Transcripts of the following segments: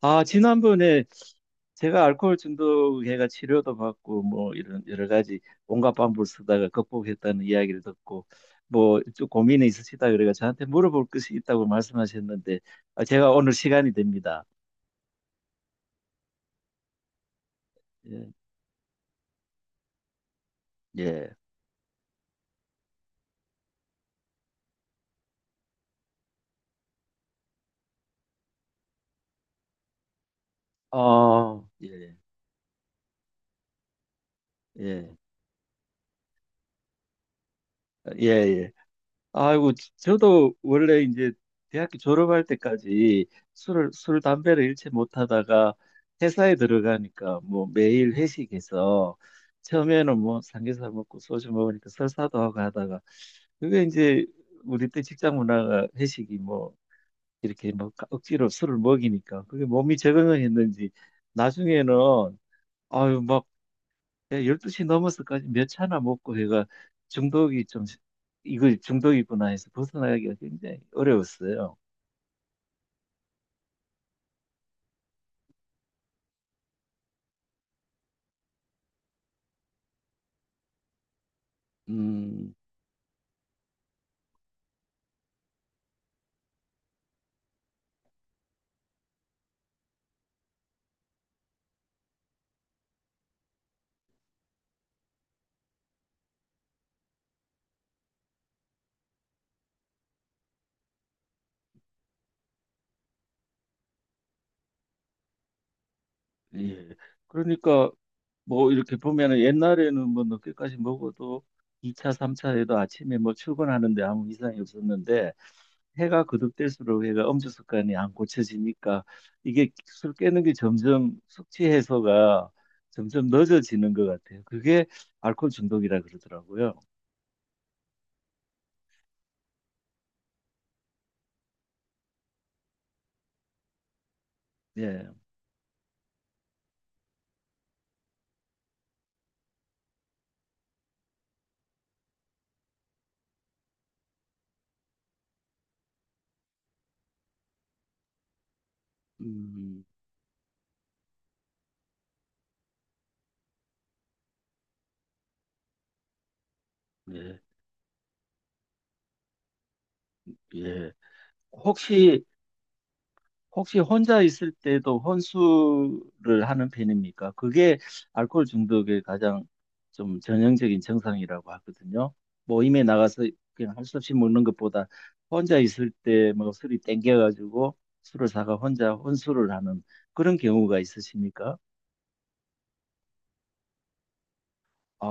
아, 지난번에 제가 알코올 중독해가 치료도 받고 뭐 이런 여러 가지 온갖 방법을 쓰다가 극복했다는 이야기를 듣고 뭐 좀 고민이 있으시다 그래가 저한테 물어볼 것이 있다고 말씀하셨는데 아, 제가 오늘 시간이 됩니다. 예, 예, 어 예, 예, 아, 예, 예. 아이고, 저도 원래 이제 대학교 졸업할 때까지 술, 담배를 일체 못 하다가 회사에 들어가니까 뭐 매일 회식해서 처음에는 뭐 삼겹살 먹고 소주 먹으니까 설사도 하고 하다가 그게 이제 우리 때 직장 문화가 회식이 뭐 이렇게 뭐 억지로 술을 먹이니까 그게 몸이 적응을 했는지 나중에는 아유, 예, 12시 넘어서까지 몇 차나 먹고 해가 중독이 좀, 이거 중독이구나 해서 벗어나기가 굉장히 어려웠어요. 음, 예. 그러니까 뭐 이렇게 보면은 옛날에는 뭐 늦게까지 먹어도 2차, 3차에도 아침에 뭐 출근하는데 아무 이상이 없었는데 해가 거듭될수록 해가 음주 습관이 안 고쳐지니까 이게 술 깨는 게 점점 숙취 해소가 점점 늦어지는 것 같아요. 그게 알코올 중독이라 그러더라고요. 예. 음, 예, 예. 혹시, 혹시 혼자 있을 때도 혼술을 하는 편입니까? 그게 알코올 중독의 가장 좀 전형적인 증상이라고 하거든요. 모임에 나가서 그냥 할 수 없이 먹는 것보다 혼자 있을 때 뭐 술이 땡겨가지고 술을 사가 혼자 혼술을 하는 그런 경우가 있으십니까? 아,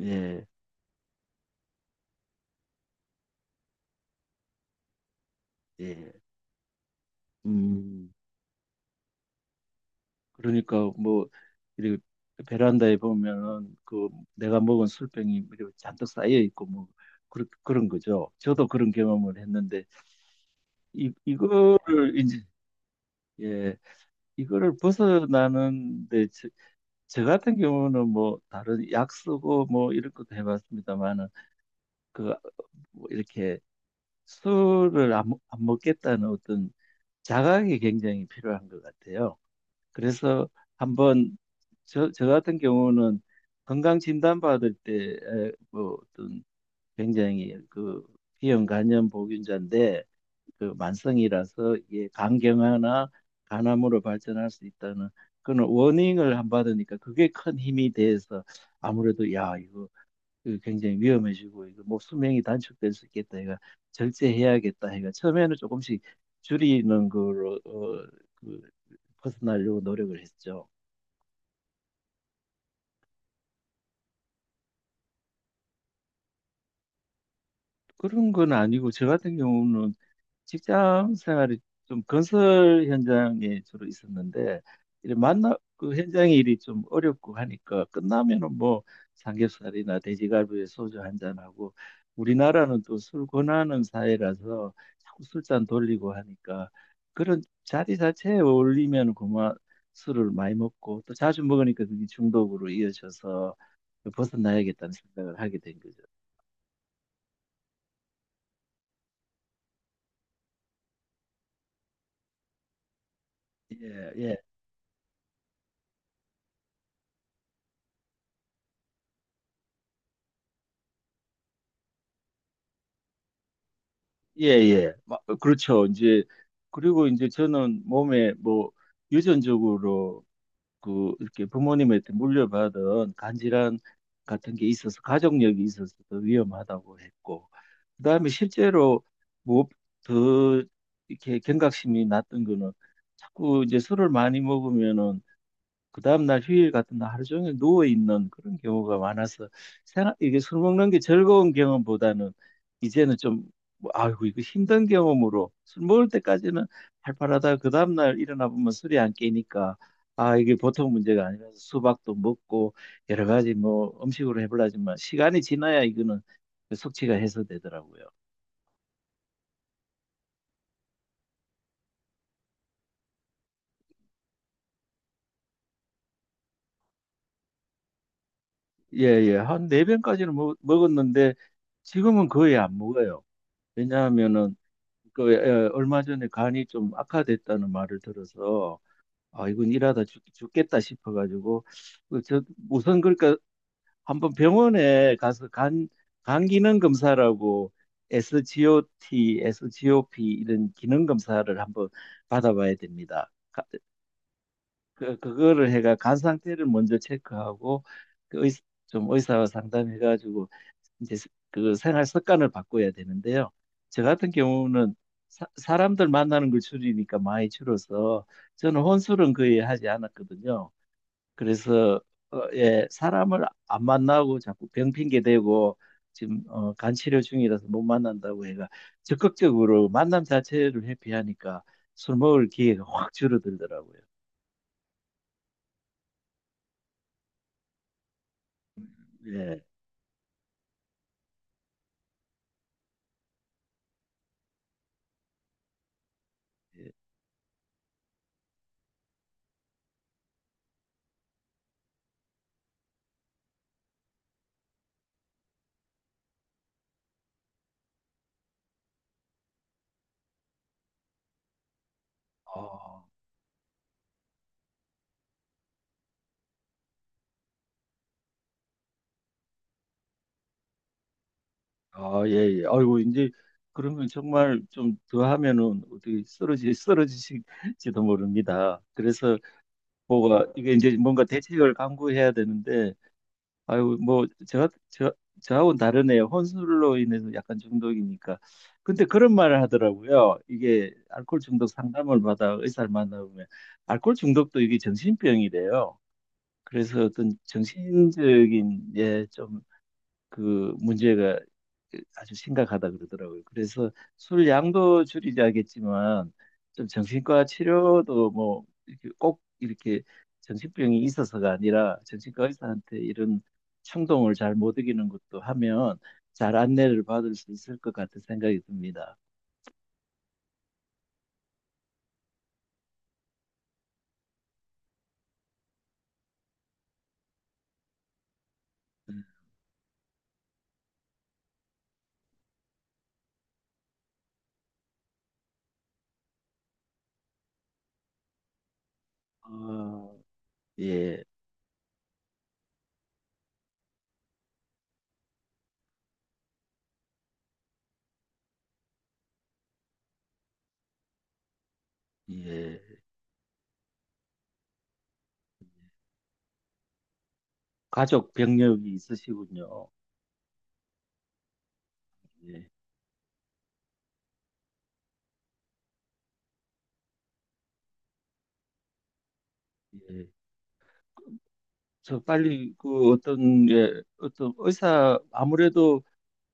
예, 예. 음. 그러니까 뭐 이렇게 베란다에 보면은 그 내가 먹은 술병이 이렇게 잔뜩 쌓여 있고 뭐 그런 그런 거죠. 저도 그런 경험을 했는데 이 이거를 이제 예, 이거를 벗어나는데 저 같은 경우는 뭐 다른 약 쓰고 뭐 이런 것도 해봤습니다만은 그뭐 이렇게 술을 안 먹겠다는 어떤 자각이 굉장히 필요한 것 같아요. 그래서 한번 저 같은 경우는 건강 진단 받을 때 뭐 어떤 굉장히 그 비형 간염 보균자인데 그 만성이라서 이게 간경화나 간암으로 발전할 수 있다는 그런 워닝을 안 받으니까 그게 큰 힘이 돼서 아무래도 야 이거 그 굉장히 위험해지고 이거 뭐 수명이 단축될 수 있겠다 해가 절제해야겠다 해가 처음에는 조금씩 줄이는 거로 어, 그 벗어나려고 노력을 했죠. 그런 건 아니고 저 같은 경우는 직장 생활이 좀 건설 현장에 주로 있었는데 이래 만나 그 현장 일이 좀 어렵고 하니까 끝나면은 뭐 삼겹살이나 돼지갈비에 소주 한 잔하고 우리나라는 또 술 권하는 사회라서 자꾸 술잔 돌리고 하니까 그런 자리 자체에 어울리면 그만 술을 많이 먹고 또 자주 먹으니까 그게 중독으로 이어져서 벗어나야겠다는 생각을 하게 된 거죠. 예, 예. 예, 예. 마- 그렇죠. 이제, 그리고 이제 저는 몸에 뭐, 유전적으로 그, 이렇게 부모님한테 물려받은 간질환 같은 게 있어서, 가족력이 있어서 더 위험하다고 했고, 그 다음에 실제로 뭐, 더 이렇게 경각심이 났던 거는 자꾸 이제 술을 많이 먹으면은 그 다음날 휴일 같은 날 하루 종일 누워 있는 그런 경우가 많아서 생각, 이게 술 먹는 게 즐거운 경험보다는 이제는 좀 뭐, 아이고 이거 힘든 경험으로 술 먹을 때까지는 팔팔하다 그 다음날 일어나 보면 술이 안 깨니까 아 이게 보통 문제가 아니라서 수박도 먹고 여러 가지 뭐 음식으로 해보려지만 시간이 지나야 이거는 숙취가 해소되더라고요. 예예 한 네 병까지는 먹었는데 지금은 거의 안 먹어요. 왜냐하면은 그 에, 얼마 전에 간이 좀 악화됐다는 말을 들어서 아 이건 일하다 죽겠다 싶어가지고 그 저 우선 그러니까 한번 병원에 가서 간 기능 검사라고 SGOT, SGOP 이런 기능 검사를 한번 받아봐야 됩니다. 가- 그 그거를 해가 간 상태를 먼저 체크하고 그 의, 좀 의사와 상담해가지고 이제 그 생활 습관을 바꿔야 되는데요. 저 같은 경우는 람들 만나는 걸 줄이니까 많이 줄어서 저는 혼술은 거의 하지 않았거든요. 그래서 어, 예, 사람을 안 만나고 자꾸 병 핑계 대고 지금 어, 간 치료 중이라서 못 만난다고 해가 적극적으로 만남 자체를 회피하니까 술 먹을 기회가 확 줄어들더라고요. 예, 예. 어. 아, 예, 예. 아이고, 이제, 그러면 정말 좀 더 하면은 어떻게 쓰러지실지도 모릅니다. 그래서 뭐가, 이게 이제 뭔가 대책을 강구해야 되는데, 아이고, 뭐, 저하고는 다르네요. 혼술로 인해서 약간 중독이니까. 근데 그런 말을 하더라고요. 이게 알코올 중독 상담을 받아 의사를 만나보면, 알코올 중독도 이게 정신병이래요. 그래서 어떤 정신적인, 예, 좀 그 문제가 아주 심각하다 그러더라고요. 그래서 술 양도 줄이자겠지만 좀 정신과 치료도 뭐 이렇게 꼭 이렇게 정신병이 있어서가 아니라 정신과 의사한테 이런 충동을 잘 못 이기는 것도 하면 잘 안내를 받을 수 있을 것 같은 생각이 듭니다. 음. 아, 예, 예. 가족 병력이 있으시군요. 예, 예. 저 빨리 그 어떤 예, 어떤 의사 아무래도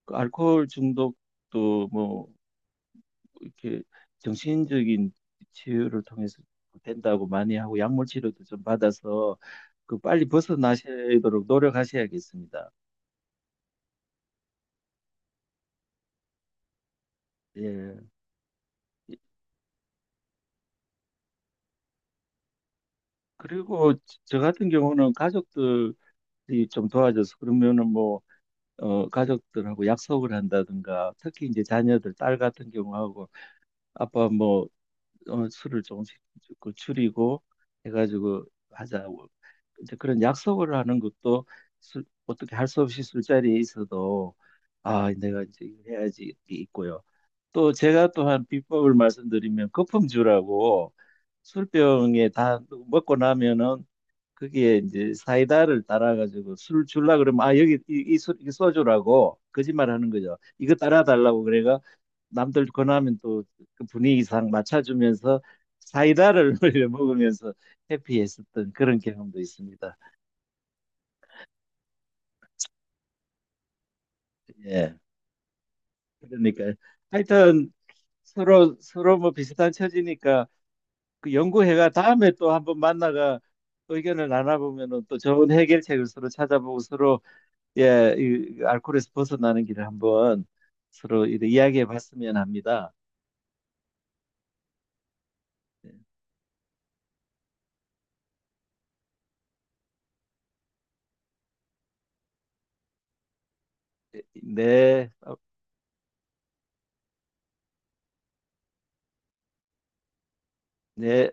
그 알코올 중독도 뭐 이렇게 정신적인 치유를 통해서 된다고 많이 하고 약물 치료도 좀 받아서 그 빨리 벗어나시도록 노력하셔야겠습니다. 예. 그리고 저 같은 경우는 가족들이 좀 도와줘서 그러면은 뭐 어, 가족들하고 약속을 한다든가 특히 이제 자녀들 딸 같은 경우하고 아빠 뭐 어, 술을 조금씩 그 줄이고 해가지고 하자고 이제 그런 약속을 하는 것도 술, 어떻게 할 수 없이 술자리에 있어도 아 내가 이제 이거 해야지 이게 있고요. 또 제가 또한 비법을 말씀드리면 거품주라고 술병에 다 먹고 나면은 그게 이제 사이다를 따라가지고 술 줄라 그러면 아 여기 이 소주라고 거짓말하는 거죠. 이거 따라 달라고 그래가 남들 권하면 또 그 분위기상 맞춰주면서 사이다를 올려 먹으면서 해피했었던 그런 경험도 있습니다. 예. 그러니까 하여튼 서로 서로 뭐 비슷한 처지니까 그 연구회가 다음에 또 한번 만나가 의견을 나눠보면은 또 좋은 해결책을 서로 찾아보고 서로 예, 이 알코올에서 벗어나는 길을 한번 서로 이야기해 봤으면 합니다. 네, 네. 어, 네.